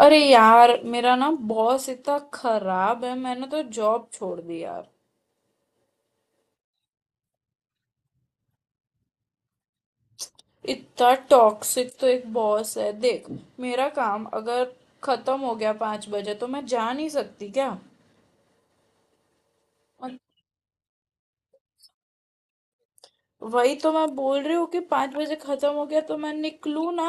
अरे यार, मेरा ना बॉस इतना खराब है। मैंने तो जॉब छोड़ दी यार। इतना टॉक्सिक तो एक बॉस है, देख। मेरा काम अगर खत्म हो गया 5 बजे तो मैं जा नहीं सकती क्या? और वही तो मैं बोल रही हूँ कि 5 बजे खत्म हो गया तो मैं निकलूँ ना।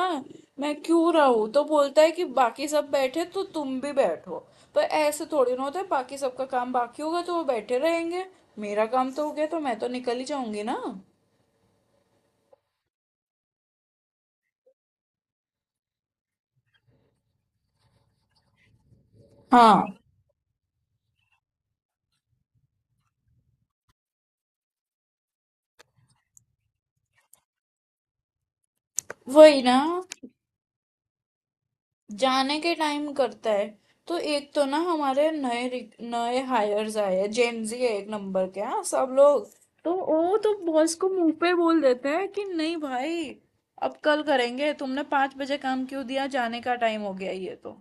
मैं क्यों रहूँ? तो बोलता है कि बाकी सब बैठे तो तुम भी बैठो। पर ऐसे थोड़ी ना होता है। बाकी सबका काम बाकी होगा तो वो बैठे रहेंगे। मेरा काम तो हो गया तो मैं तो निकल ही जाऊंगी ना। हाँ। वही ना, जाने के टाइम करता है। तो एक तो ना हमारे नए नए हायर्स आए हैं, जेनजी है एक नंबर के, हाँ, सब लोग। तो वो तो बॉस को मुंह पे बोल देते हैं कि नहीं भाई, अब कल करेंगे। तुमने 5 बजे काम क्यों दिया? जाने का टाइम हो गया ये तो।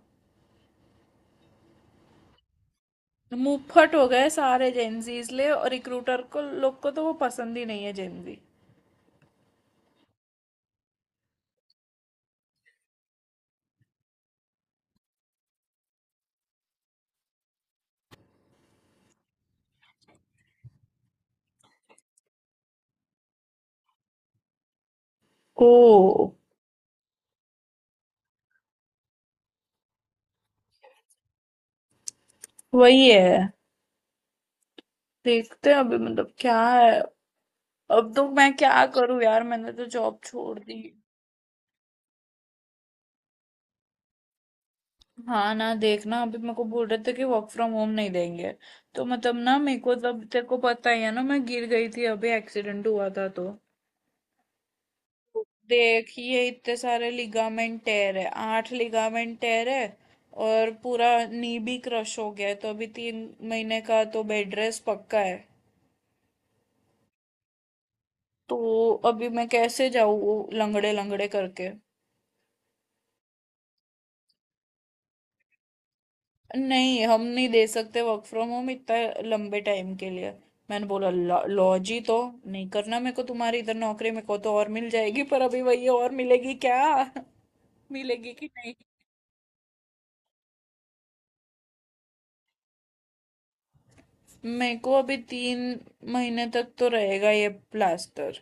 मुंह फट हो गए सारे जेनजी इसलिए, और रिक्रूटर को लोग को तो वो पसंद ही नहीं है जेनजी। ओ, वही है। देखते हैं अभी, मतलब क्या है। अब तो मैं क्या करूं यार, मैंने तो जॉब छोड़ दी। हाँ ना, देखना, अभी मेरे को बोल रहे थे कि वर्क फ्रॉम होम नहीं देंगे। तो मतलब ना मेरे को, तब तेरे को पता ही है ना, मैं गिर गई थी अभी, एक्सीडेंट हुआ था तो देख, ये इतने सारे लिगामेंट टेयर है, आठ लिगामेंट टेयर है। और पूरा नी भी क्रश हो गया है, तो अभी 3 महीने का तो बेड रेस्ट पक्का है। तो अभी मैं कैसे जाऊँ लंगड़े लंगड़े करके? नहीं, हम नहीं दे सकते वर्क फ्रॉम होम इतना लंबे टाइम के लिए। मैंने बोला, लॉ जी, तो नहीं करना मेरे को तुम्हारी इधर नौकरी। मेरे को तो और मिल जाएगी, पर अभी वही, और मिलेगी क्या? मिलेगी कि नहीं। मेरे को अभी 3 महीने तक तो रहेगा ये प्लास्टर।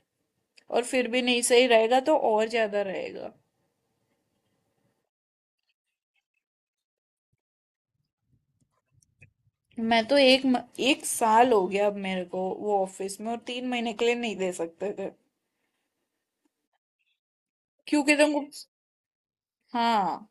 और फिर भी नहीं सही रहेगा तो और ज्यादा रहेगा। मैं तो एक साल हो गया अब मेरे को वो ऑफिस में, और 3 महीने के लिए नहीं दे सकते थे? क्योंकि तुमको। हाँ।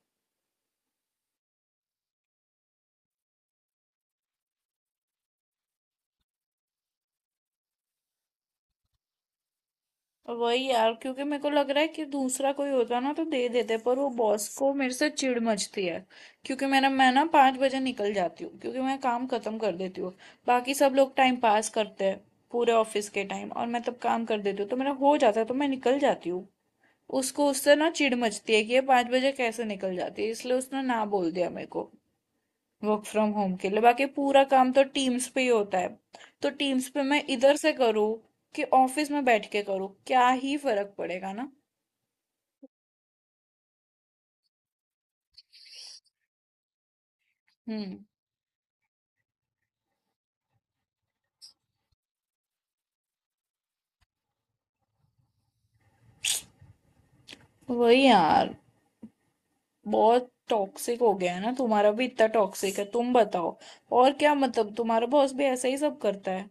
वही यार, क्योंकि मेरे को लग रहा है कि दूसरा कोई होता ना तो दे देते, पर वो बॉस को मेरे से चिढ़ मचती है। क्योंकि मेरा, मैं ना 5 बजे निकल जाती हूँ क्योंकि मैं काम खत्म कर देती हूँ। बाकी सब लोग टाइम पास करते हैं पूरे ऑफिस के टाइम, और मैं तब काम कर देती हूँ तो मेरा हो जाता है तो मैं निकल जाती हूँ। उसको उससे ना चिढ़ मचती है कि ये 5 बजे कैसे निकल जाती है। इसलिए उसने ना बोल दिया मेरे को वर्क फ्रॉम होम के लिए। बाकी पूरा काम तो टीम्स पे ही होता है। तो टीम्स पे मैं इधर से करूँ कि ऑफिस में बैठ के करूँ, क्या ही फर्क पड़ेगा ना। हम्म। वही यार, बहुत टॉक्सिक हो गया है ना। तुम्हारा भी इतना टॉक्सिक है? तुम बताओ और क्या, मतलब तुम्हारा बॉस भी ऐसा ही सब करता है?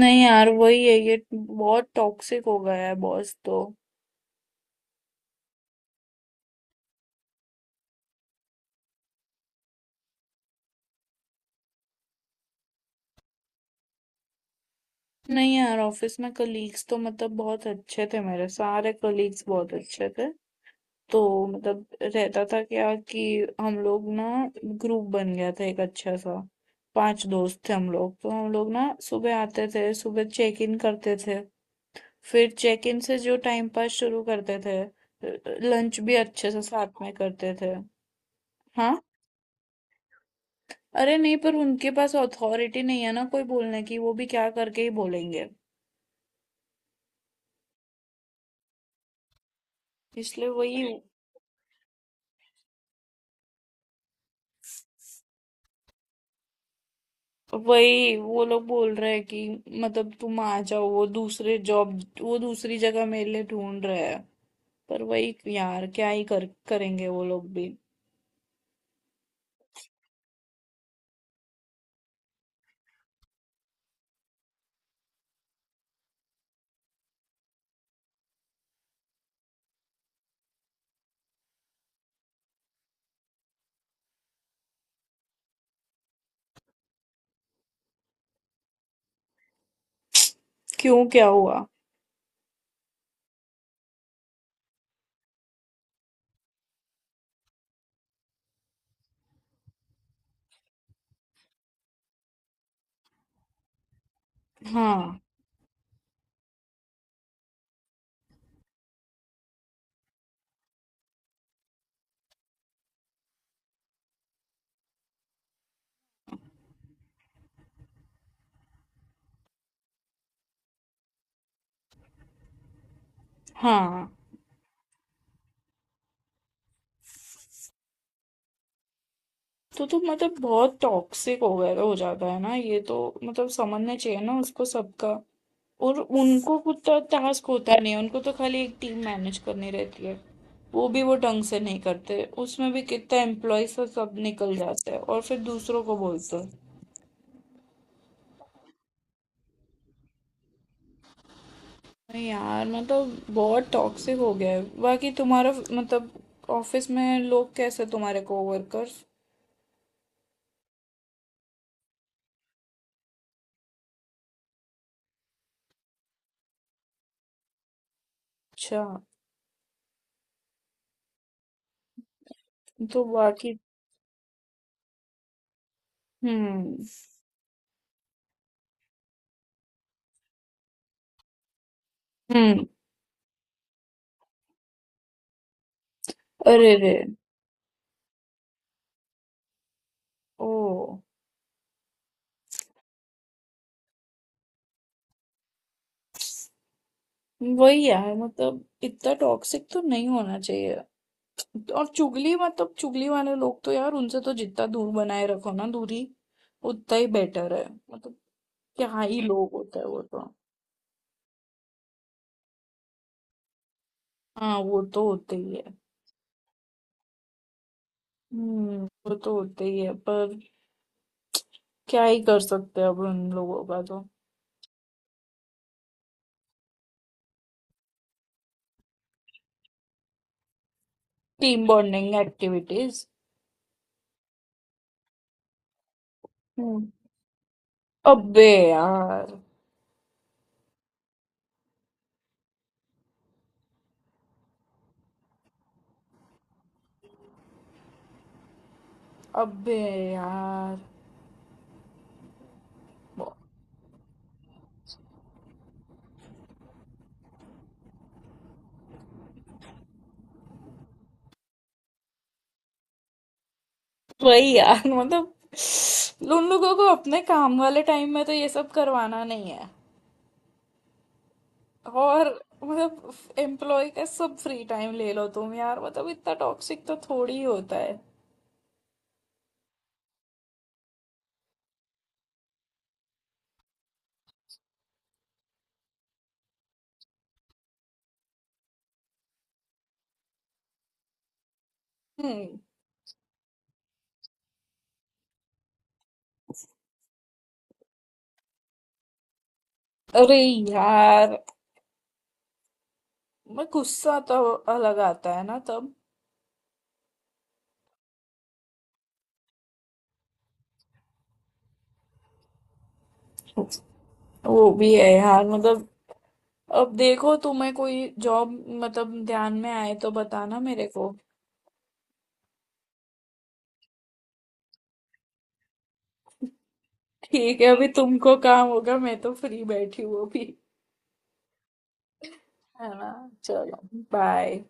नहीं यार, वही है, ये बहुत टॉक्सिक हो गया है बॉस तो। नहीं यार, ऑफिस में कलीग्स तो मतलब बहुत अच्छे थे। मेरे सारे कलीग्स बहुत अच्छे थे। तो मतलब रहता था क्या कि हम लोग ना, ग्रुप बन गया था एक अच्छा सा। पांच दोस्त थे हम लोग, तो हम लोग ना सुबह आते थे, सुबह चेक इन करते थे। फिर चेक इन से जो टाइम पास शुरू करते थे, लंच भी अच्छे से साथ में करते थे। हाँ। अरे नहीं, पर उनके पास अथॉरिटी नहीं है ना कोई बोलने की, वो भी क्या करके ही बोलेंगे। इसलिए वही। वही वो लोग बोल रहे हैं कि मतलब तुम आ जाओ, वो दूसरे जॉब, वो दूसरी जगह मेरे लिए ढूंढ रहे हैं। पर वही यार, क्या ही कर करेंगे वो लोग भी। क्यों, क्या हुआ? हाँ, हाँ। तो मतलब बहुत टॉक्सिक हो गया, हो जाता है ना ये तो। मतलब समझना चाहिए ना उसको सबका। और उनको खुद तो टास्क होता नहीं है, उनको तो खाली एक टीम मैनेज करनी रहती है। वो भी वो ढंग से नहीं करते, उसमें भी कितना एम्प्लॉयज सब निकल जाते हैं और फिर दूसरों को बोलते हैं। नहीं यार, मतलब बहुत टॉक्सिक हो गया है। बाकी तुम्हारा मतलब ऑफिस में लोग कैसे, तुम्हारे कोवर्कर्स? अच्छा। तो बाकी। हम्म। हम्म। अरे रे। ओ। वही है, मतलब इतना टॉक्सिक तो नहीं होना चाहिए। और चुगली, मतलब चुगली वाले लोग तो यार, उनसे तो जितना दूर बनाए रखो ना दूरी, उतना ही बेटर है। मतलब क्या ही लोग होता है वो तो। हाँ, वो तो होते ही है। हम्म। वो तो होते ही है, पर क्या ही कर सकते हैं अब उन लोगों का तो। Team bonding activities. हम्म। अबे यार। अबे यार। बहुत- वही यार, मतलब उन लोगों को अपने काम वाले टाइम में तो ये सब करवाना नहीं है। और मतलब एम्प्लॉय का सब फ्री टाइम ले लो तुम, यार मतलब इतना टॉक्सिक तो थोड़ी ही होता है। हम्म। अरे यार, मैं गुस्सा तो अलग आता है ना तब। वो भी है यार। मतलब अब देखो, तुम्हें कोई जॉब मतलब ध्यान में आए तो बताना मेरे को। ठीक है, अभी तुमको काम होगा, मैं तो फ्री बैठी हूँ अभी, है ना। चलो, बाय।